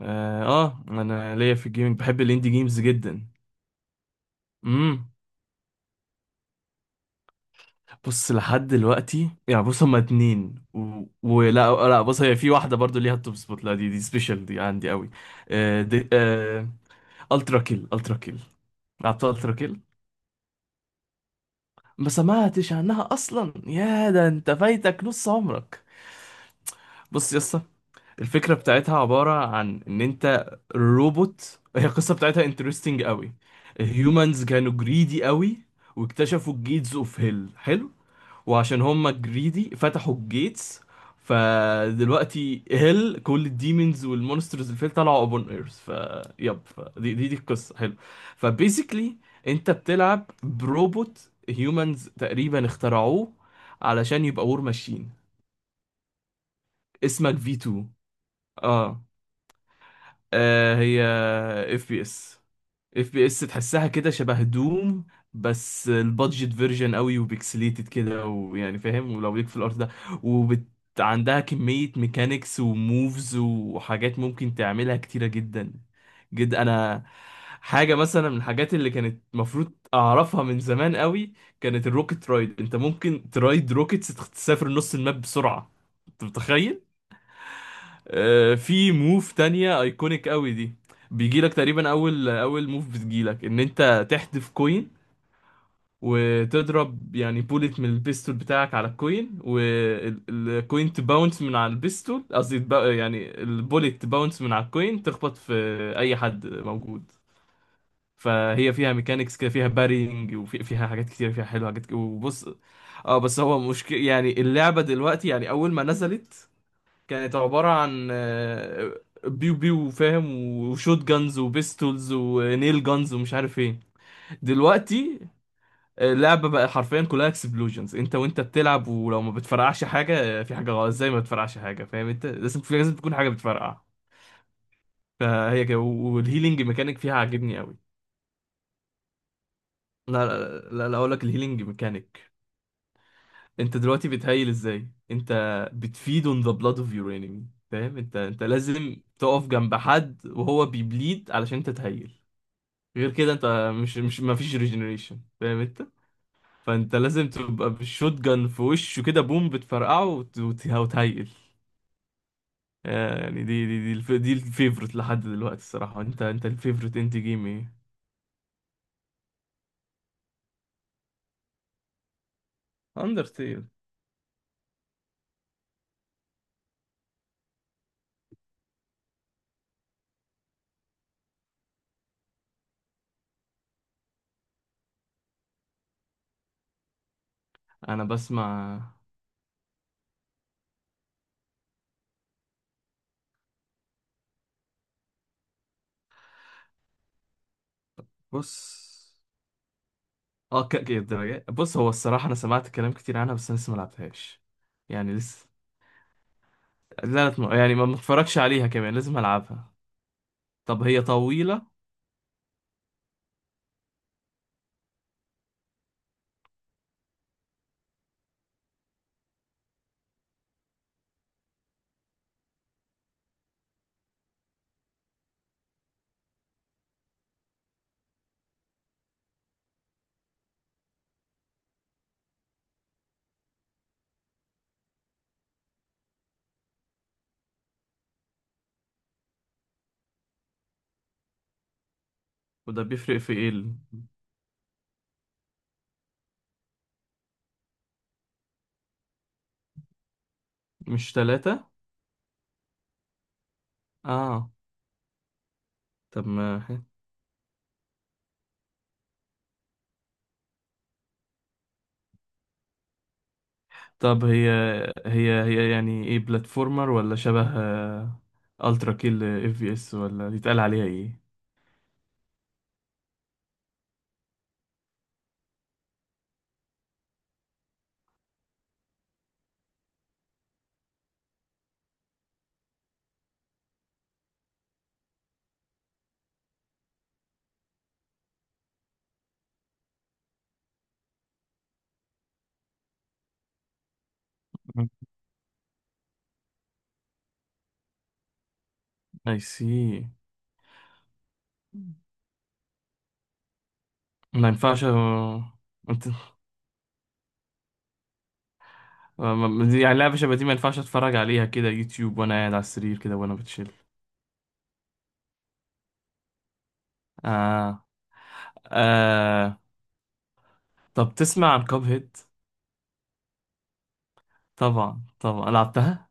انا ليا في الجيمنج بحب الاندي جيمز جدا. امم بص، لحد دلوقتي يعني بص، هما اتنين ولا لا، بص هي في واحده برضو ليها التوب سبوت، لا دي سبيشال دي عندي قوي. آه دي آه الترا كيل، الترا كيل، لعبت الترا كيل. ما سمعتش عنها اصلا، يا ده انت فايتك نص عمرك. بص يا اسطى، الفكرة بتاعتها عبارة عن إن أنت روبوت. هي القصة بتاعتها انترستنج قوي. الهيومنز كانوا جريدي قوي، واكتشفوا الجيتس اوف هيل. حلو. وعشان هما جريدي فتحوا الجيتس، فدلوقتي هيل كل الديمونز والمونسترز اللي فيه طلعوا ابون ايرث. دي القصة. حلو. فبيزيكلي انت بتلعب بروبوت هيومنز تقريبا اخترعوه علشان يبقى وور ماشين. اسمك في 2. آه، هي اف بي اس، اف بي اس تحسها كده شبه دوم، بس البادجت فيرجن قوي وبيكسليتد كده، ويعني فاهم ولو ليك في الارت ده. وبت عندها كمية ميكانيكس وموفز وحاجات ممكن تعملها كتيرة جدا جدا. انا حاجة مثلا من الحاجات اللي كانت المفروض اعرفها من زمان قوي كانت الروكت رايد، انت ممكن ترايد روكتس تسافر نص الماب بسرعة، انت متخيل؟ في موف تانية ايكونيك قوي دي، بيجيلك تقريبا اول موف بتجيلك، ان انت تحذف كوين وتضرب يعني بوليت من البيستول بتاعك على الكوين، والكوين تباونس من على البيستول، قصدي يعني البوليت تباونس من على الكوين تخبط في اي حد موجود. فهي فيها ميكانيكس كده، فيها بارينج، وفيها حاجات كتير فيها حلوه، حاجات كتير. وبص، اه بس هو مشكلة يعني اللعبة دلوقتي، يعني أول ما نزلت كانت عبارة عن بيو بيو، فاهم؟ وشوت جانز وبيستولز ونيل جانز ومش عارف ايه. دلوقتي اللعبة بقى حرفيا كلها اكسبلوجنز، انت وانت بتلعب ولو ما بتفرقعش حاجة في حاجة غلط. ازاي ما بتفرقعش حاجة، فاهم؟ انت لازم، لازم تكون حاجة بتفرقع. فهي كده، والهيلينج ميكانيك فيها عاجبني قوي. لا, اقول لك الهيلينج ميكانيك، انت دلوقتي بتهيل ازاي؟ انت بتفيد on the blood of your enemy، فاهم؟ انت، انت لازم تقف جنب حد وهو بيبليد علشان انت تهيل. غير كده انت مش ما فيش ريجنريشن، فاهم انت؟ فانت لازم تبقى بالشوت جان في وشه كده بوم، بتفرقعه وتهيل. يعني دي دي الفيفورت لحد دلوقتي الصراحة. انت، انت الفيفورت انت جيم ايه؟ اندرتيل؟ انا بسمع. بص، اه، كأكي الدرجة. بص هو الصراحة أنا سمعت كلام كتير عنها، بس أنا لسه ملعبتهاش، يعني لسه، لا لا يعني ما متفرجش عليها كمان. لازم ألعبها. طب هي طويلة؟ وده بيفرق في إيه؟ ال-، مش تلاتة؟ آه. طب ما، طب هي، هي يعني إيه؟ بلاتفورمر ولا شبه ألترا كيل؟ إف في إس، ولا يتقال عليها إيه؟ مم. أي سي. ما ينفعش. انت، يعني لعبة شبه دي ما ينفعش اتفرج عليها كده يوتيوب وانا قاعد على السرير كده وانا بتشيل. آه. آه. طب تسمع عن كاب هيد؟ طبعا طبعا لعبتها.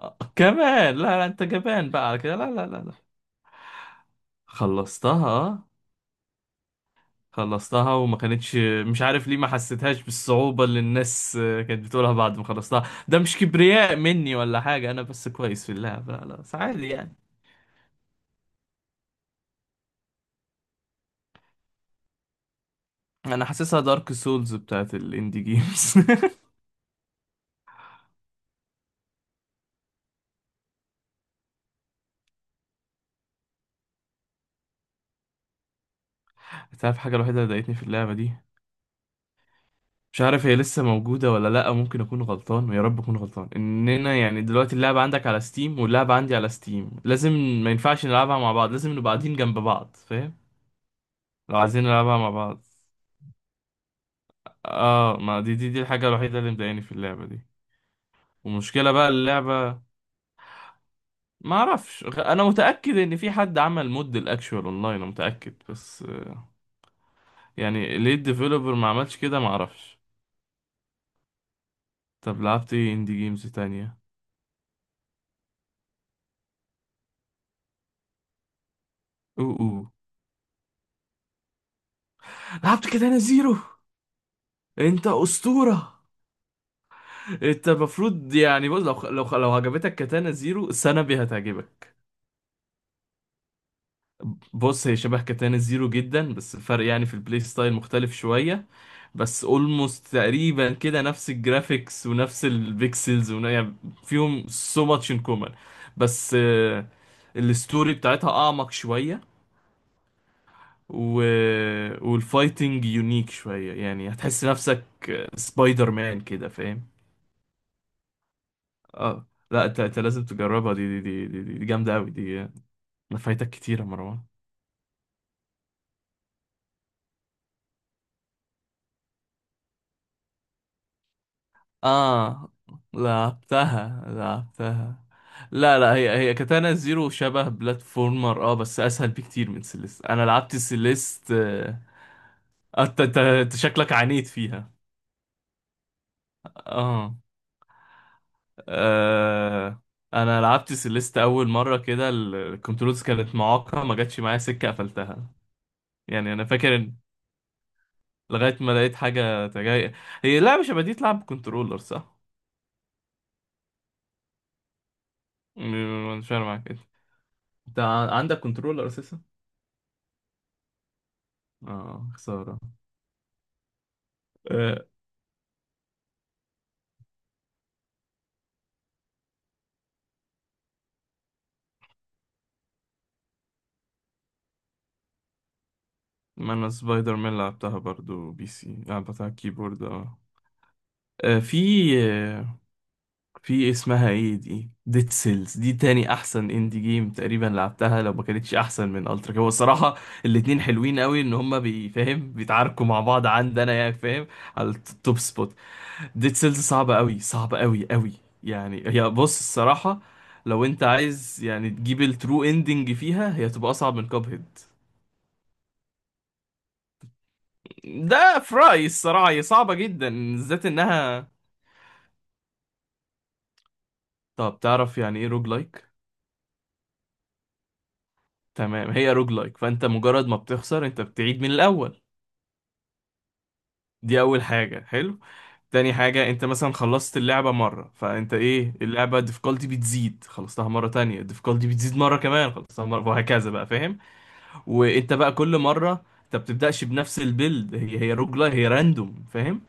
آه. كمان لا لا، انت جبان بقى على كده، لا لا لا لا. خلصتها آه. خلصتها وما كانتش، مش عارف ليه ما حسيتهاش بالصعوبة اللي الناس كانت بتقولها، بعد ما خلصتها ده مش كبرياء مني ولا حاجة، انا بس كويس في اللعب، لا لا بس عادي يعني. انا حاسسها دارك سولز بتاعت الاندي جيمز. تعرف الحاجة الوحيدة اللي ضايقتني في اللعبة دي؟ مش عارف هي لسه موجودة ولا لأ، ممكن أكون غلطان، ويا رب أكون غلطان، إننا يعني دلوقتي اللعبة عندك على ستيم واللعبة عندي على ستيم، لازم، ما ينفعش نلعبها مع بعض، لازم نبقى قاعدين جنب بعض، فاهم؟ لو عايزين نلعبها مع بعض. اه، ما دي، دي الحاجة الوحيدة اللي مضايقاني في اللعبة دي ومشكلة بقى اللعبة. ما اعرفش انا متأكد ان في حد عمل مود الاكشوال اونلاين، انا متأكد، بس يعني ليه الديفلوبر ما عملش كده، ما اعرفش. طب لعبت ايه اندي جيمز تانية؟ اوه اوه، لعبت كده انا زيرو. انت اسطورة. انت المفروض يعني بص، لو عجبتك كاتانا زيرو، سنبي هتعجبك. بص هي شبه كاتانا زيرو جدا، بس الفرق يعني في البلاي ستايل مختلف شوية، بس اولموست تقريبا كده نفس الجرافيكس ونفس البيكسلز يعني فيهم سو ماتش ان كومن. بس الستوري بتاعتها اعمق شوية، و... والفايتنج يونيك شوية، يعني هتحس نفسك سبايدر مان كده، فاهم؟ اه، لا، انت لازم تجربها دي، دي جامدة قوي دي. ما فايتك كتير يا مروان. اه، لعبتها لعبتها. لا لا، هي كاتانا زيرو شبه بلاتفورمر، اه بس اسهل بكتير من سيليست. انا لعبت سيليست. انت، أنت شكلك عانيت فيها. اه. آه، انا لعبت سيليست اول مره كده، ال- الكنترولز كانت معاقه، ما جاتش معايا سكه قفلتها. يعني انا فاكر إن، لغايه ما لقيت حاجه تجاي. هي لعبه شبه دي تلعب كنترولر صح؟ مش فاهم معاك، انت عندك كنترولر اساسا؟ اه، خسارة. آه، ما انا سبايدر مان لعبتها برضو بي سي، لعبتها على الكيبورد اه. آه، في آه، في اسمها ايه دي، ديد سيلز دي، تاني احسن اندي جيم تقريبا لعبتها، لو ما كانتش احسن من الترا هو الصراحه. الاتنين حلوين قوي، ان هما بيفهم بيتعاركوا مع بعض عندنا يعني، فاهم؟ على التوب سبوت. ديد سيلز صعبة قوي، صعبة قوي قوي. يعني هي بص الصراحة، لو انت عايز يعني تجيب الترو اندنج فيها، هي تبقى اصعب من كاب هيد، ده في رأيي الصراحة. هي صعبة جدا، بالذات انها. طب تعرف يعني ايه روج لايك؟ تمام، هي روج لايك، فانت مجرد ما بتخسر انت بتعيد من الاول، دي اول حاجة. حلو. تاني حاجة، انت مثلا خلصت اللعبة مرة، فانت ايه، اللعبة difficulty بتزيد، خلصتها مرة تانية difficulty بتزيد مرة كمان، خلصتها مرة وهكذا بقى، فاهم؟ وانت بقى كل مرة انت بتبدأش بنفس البيلد، هي روج لايك، هي راندوم، فاهم؟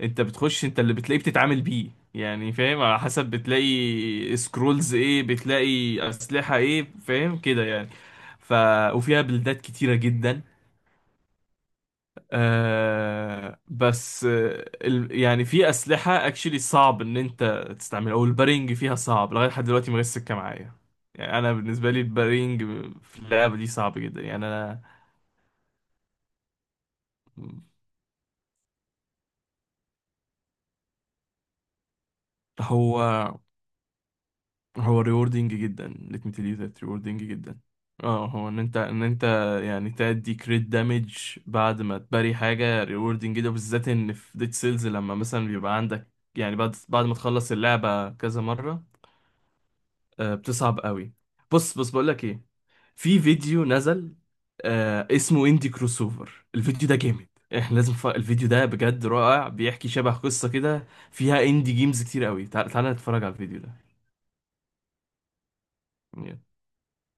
انت بتخش، انت اللي بتلاقيه بتتعامل بيه يعني، فاهم؟ على حسب بتلاقي سكرولز ايه، بتلاقي اسلحة ايه، فاهم كده يعني. ف، وفيها بلدات كتيرة جدا. آه بس آه يعني في اسلحة اكشلي صعب ان انت تستعملها، او البارينج فيها صعب لغاية، لحد دلوقتي ما جاتش سكة معايا. يعني انا بالنسبة لي البارينج في اللعبة دي صعب جدا، يعني انا. هو، هو ريوردينج جدا let me tell you that، ريوردينج جدا. اه، هو ان انت، ان انت يعني تأدي كريت دامج بعد ما تباري حاجة ريوردينج جدا، بالذات ان في ديد سيلز لما مثلا بيبقى عندك، يعني بعد ما تخلص اللعبة كذا مرة آه بتصعب قوي. بص بقول لك ايه، في فيديو نزل آه اسمه اندي كروسوفر، الفيديو ده جامد، احنا لازم الفيديو ده بجد رائع، بيحكي شبه قصة كده فيها اندي جيمز كتير قوي. تعال نتفرج على الفيديو ده